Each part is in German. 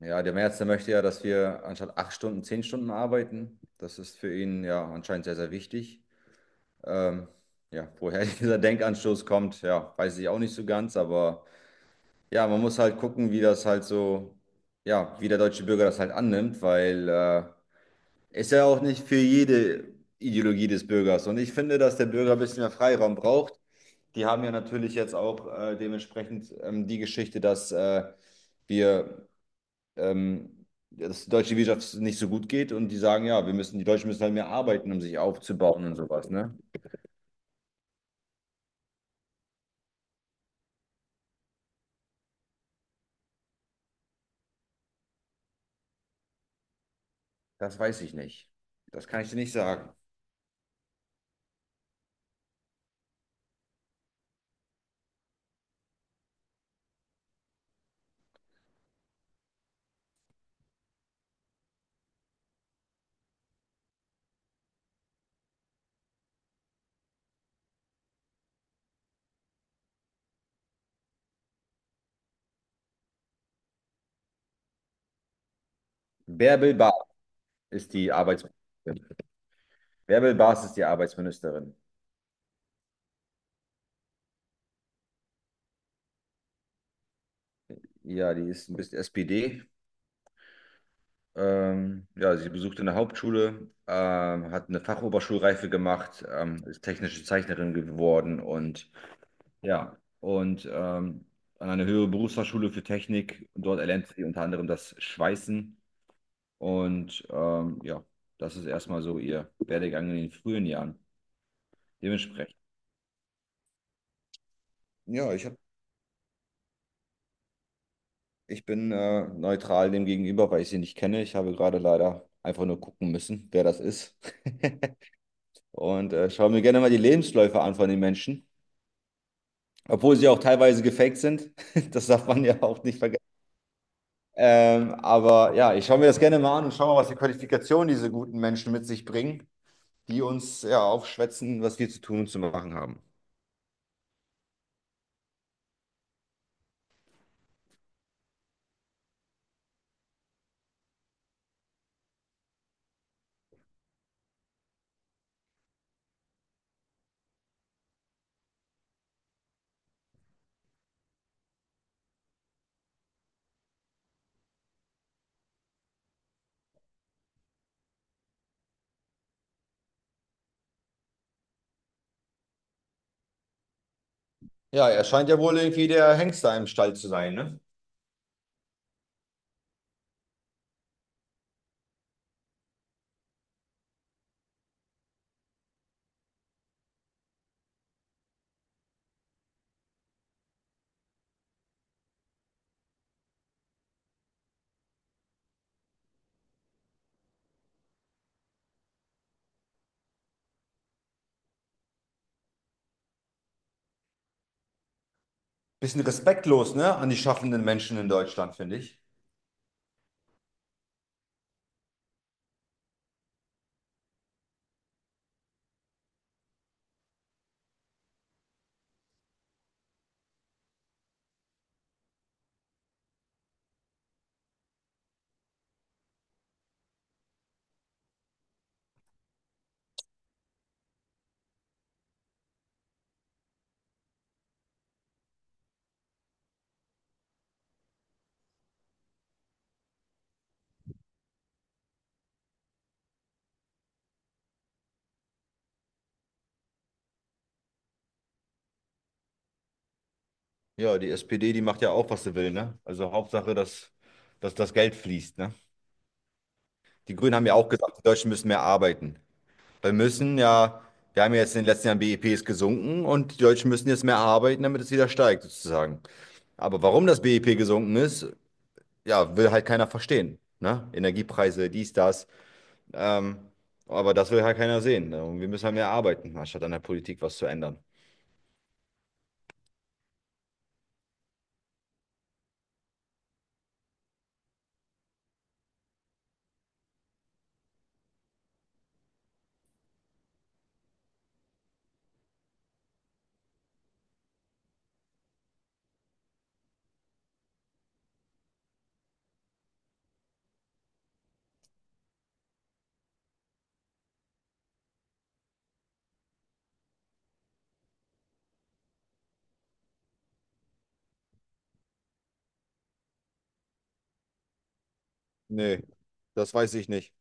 Ja, der Merz, der möchte ja, dass wir anstatt 8 Stunden, 10 Stunden arbeiten. Das ist für ihn ja anscheinend sehr, sehr wichtig. Ähm, ja, woher dieser Denkanstoß kommt, ja, weiß ich auch nicht so ganz, aber ja, man muss halt gucken, wie das halt so, ja, wie der deutsche Bürger das halt annimmt, weil ist ja auch nicht für jede Ideologie des Bürgers. Und ich finde, dass der Bürger ein bisschen mehr Freiraum braucht. Die haben ja natürlich jetzt auch dementsprechend die Geschichte, dass wir ähm, ja, dass die deutsche Wirtschaft nicht so gut geht und die sagen, ja, wir müssen, die Deutschen müssen halt mehr arbeiten, um sich aufzubauen und sowas, ne? Das weiß ich nicht. Das kann ich dir nicht sagen. Bärbel Baas ist die Arbeitsministerin. Bärbel Baas ist die Arbeitsministerin. Ja, die ist ein bisschen SPD. Ja, sie besuchte eine Hauptschule, hat eine Fachoberschulreife gemacht, ist technische Zeichnerin geworden und ja, und an einer höheren Berufsfachschule für Technik. Dort erlernte sie unter anderem das Schweißen. Und ja, das ist erstmal so ihr Werdegang in den frühen Jahren. Dementsprechend. Ja, ich bin neutral dem gegenüber, weil ich sie nicht kenne. Ich habe gerade leider einfach nur gucken müssen, wer das ist. Und schaue mir gerne mal die Lebensläufe an von den Menschen. Obwohl sie auch teilweise gefaked sind. Das darf man ja auch nicht vergessen. Aber ja, ich schaue mir das gerne mal an und schaue mal, was die Qualifikationen diese guten Menschen mit sich bringen, die uns ja aufschwätzen, was wir zu tun und zu machen haben. Ja, er scheint ja wohl irgendwie der Hengst da im Stall zu sein, ne? Bisschen respektlos, ne, an die schaffenden Menschen in Deutschland, finde ich. Ja, die SPD, die macht ja auch, was sie will, ne? Also Hauptsache, dass das Geld fließt, ne? Die Grünen haben ja auch gesagt, die Deutschen müssen mehr arbeiten. Wir müssen ja, wir haben ja jetzt in den letzten Jahren, BIP ist gesunken und die Deutschen müssen jetzt mehr arbeiten, damit es wieder steigt, sozusagen. Aber warum das BIP gesunken ist, ja, will halt keiner verstehen, ne? Energiepreise, dies, das. Ähm, aber das will halt keiner sehen, ne? Und wir müssen halt mehr arbeiten, anstatt an der Politik was zu ändern. Nee, das weiß ich nicht.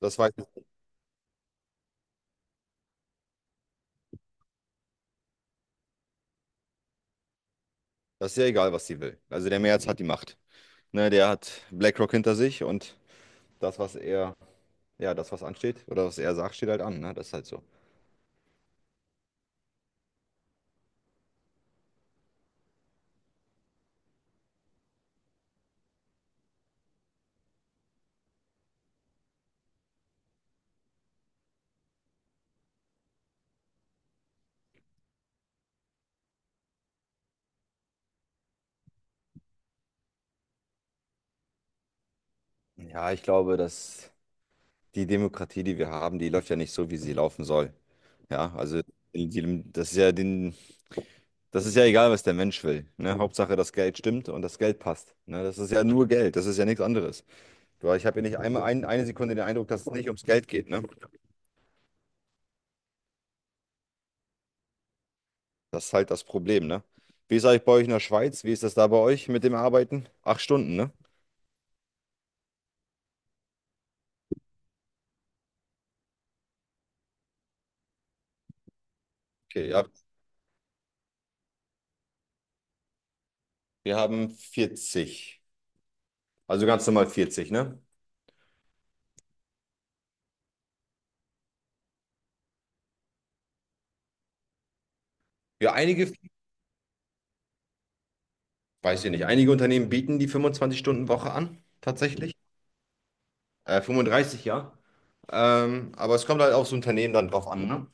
Das weiß ich. Das ist ja egal, was sie will. Also der Merz hat die Macht. Ne, der hat BlackRock hinter sich und das, was er, ja, das, was ansteht oder was er sagt, steht halt an. Ne? Das ist halt so. Ja, ich glaube, dass die Demokratie, die wir haben, die läuft ja nicht so, wie sie laufen soll. Ja, also die, das ist ja den, das ist ja egal, was der Mensch will. Ne? Hauptsache, das Geld stimmt und das Geld passt. Ne? Das ist ja nur Geld, das ist ja nichts anderes. Du, ich habe ja nicht einmal eine Sekunde den Eindruck, dass es nicht ums Geld geht, ne? Das ist halt das Problem, ne? Wie ist eigentlich bei euch in der Schweiz? Wie ist das da bei euch mit dem Arbeiten? 8 Stunden, ne? Okay, ja. Wir haben 40. Also ganz normal 40, ne? Ja, einige, weiß ich nicht, einige Unternehmen bieten die 25-Stunden-Woche an, tatsächlich. 35, ja. Aber es kommt halt aufs Unternehmen dann drauf an, ne?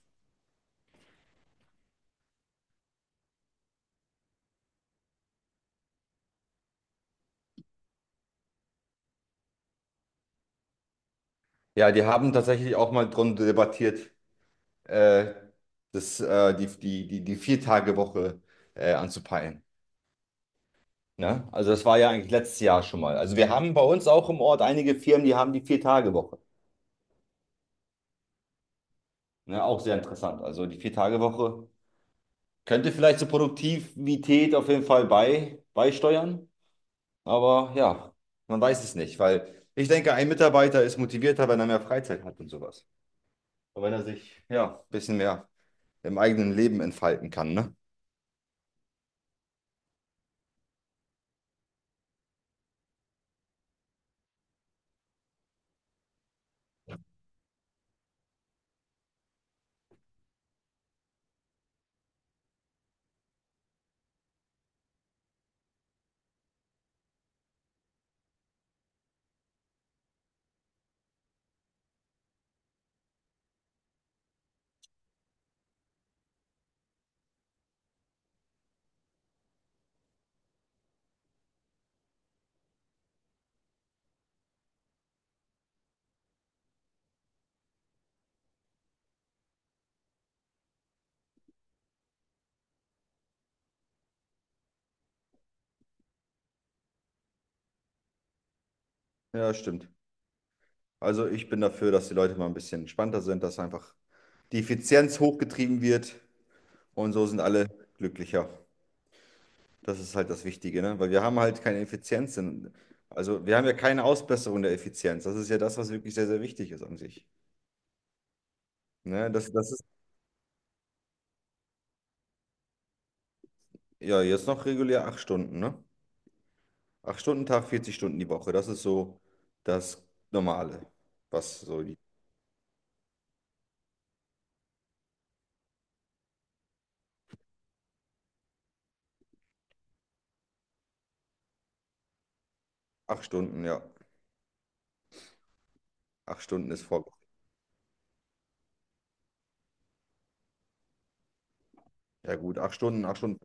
Ja, die haben tatsächlich auch mal drum debattiert, äh, die Vier-Tage-Woche anzupeilen. Ne? Also das war ja eigentlich letztes Jahr schon mal. Also wir haben bei uns auch im Ort einige Firmen, die haben die Vier-Tage-Woche. Ne? Auch sehr interessant. Also die Vier-Tage-Woche könnte vielleicht zur Produktivität auf jeden Fall beisteuern. Aber ja, man weiß es nicht, weil ich denke, ein Mitarbeiter ist motivierter, wenn er mehr Freizeit hat und sowas. Und wenn er sich, ja, ein bisschen mehr im eigenen Leben entfalten kann, ne? Ja, stimmt. Also ich bin dafür, dass die Leute mal ein bisschen entspannter sind, dass einfach die Effizienz hochgetrieben wird und so sind alle glücklicher. Das ist halt das Wichtige, ne? Weil wir haben halt keine Effizienz. Also wir haben ja keine Ausbesserung der Effizienz. Das ist ja das, was wirklich sehr, sehr wichtig ist an sich. Ne? Das ist ja jetzt noch regulär 8 Stunden, ne? 8 Stunden Tag, 40 Stunden die Woche. Das ist so das Normale. Was so die 8 Stunden, ja. 8 Stunden ist voll. Ja gut, 8 Stunden, 8 Stunden.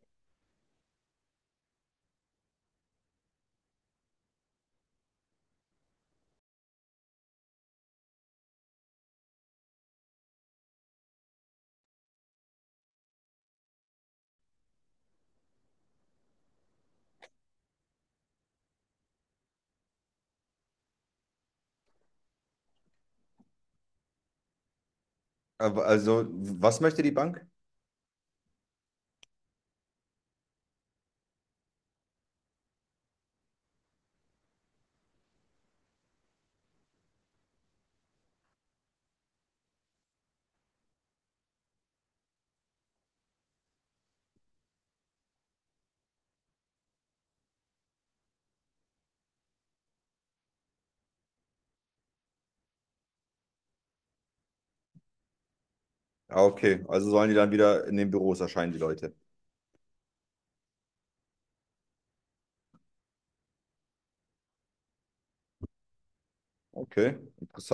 Aber also, was möchte die Bank? Ah, okay. Also sollen die dann wieder in den Büros erscheinen, die Leute. Okay, interessant.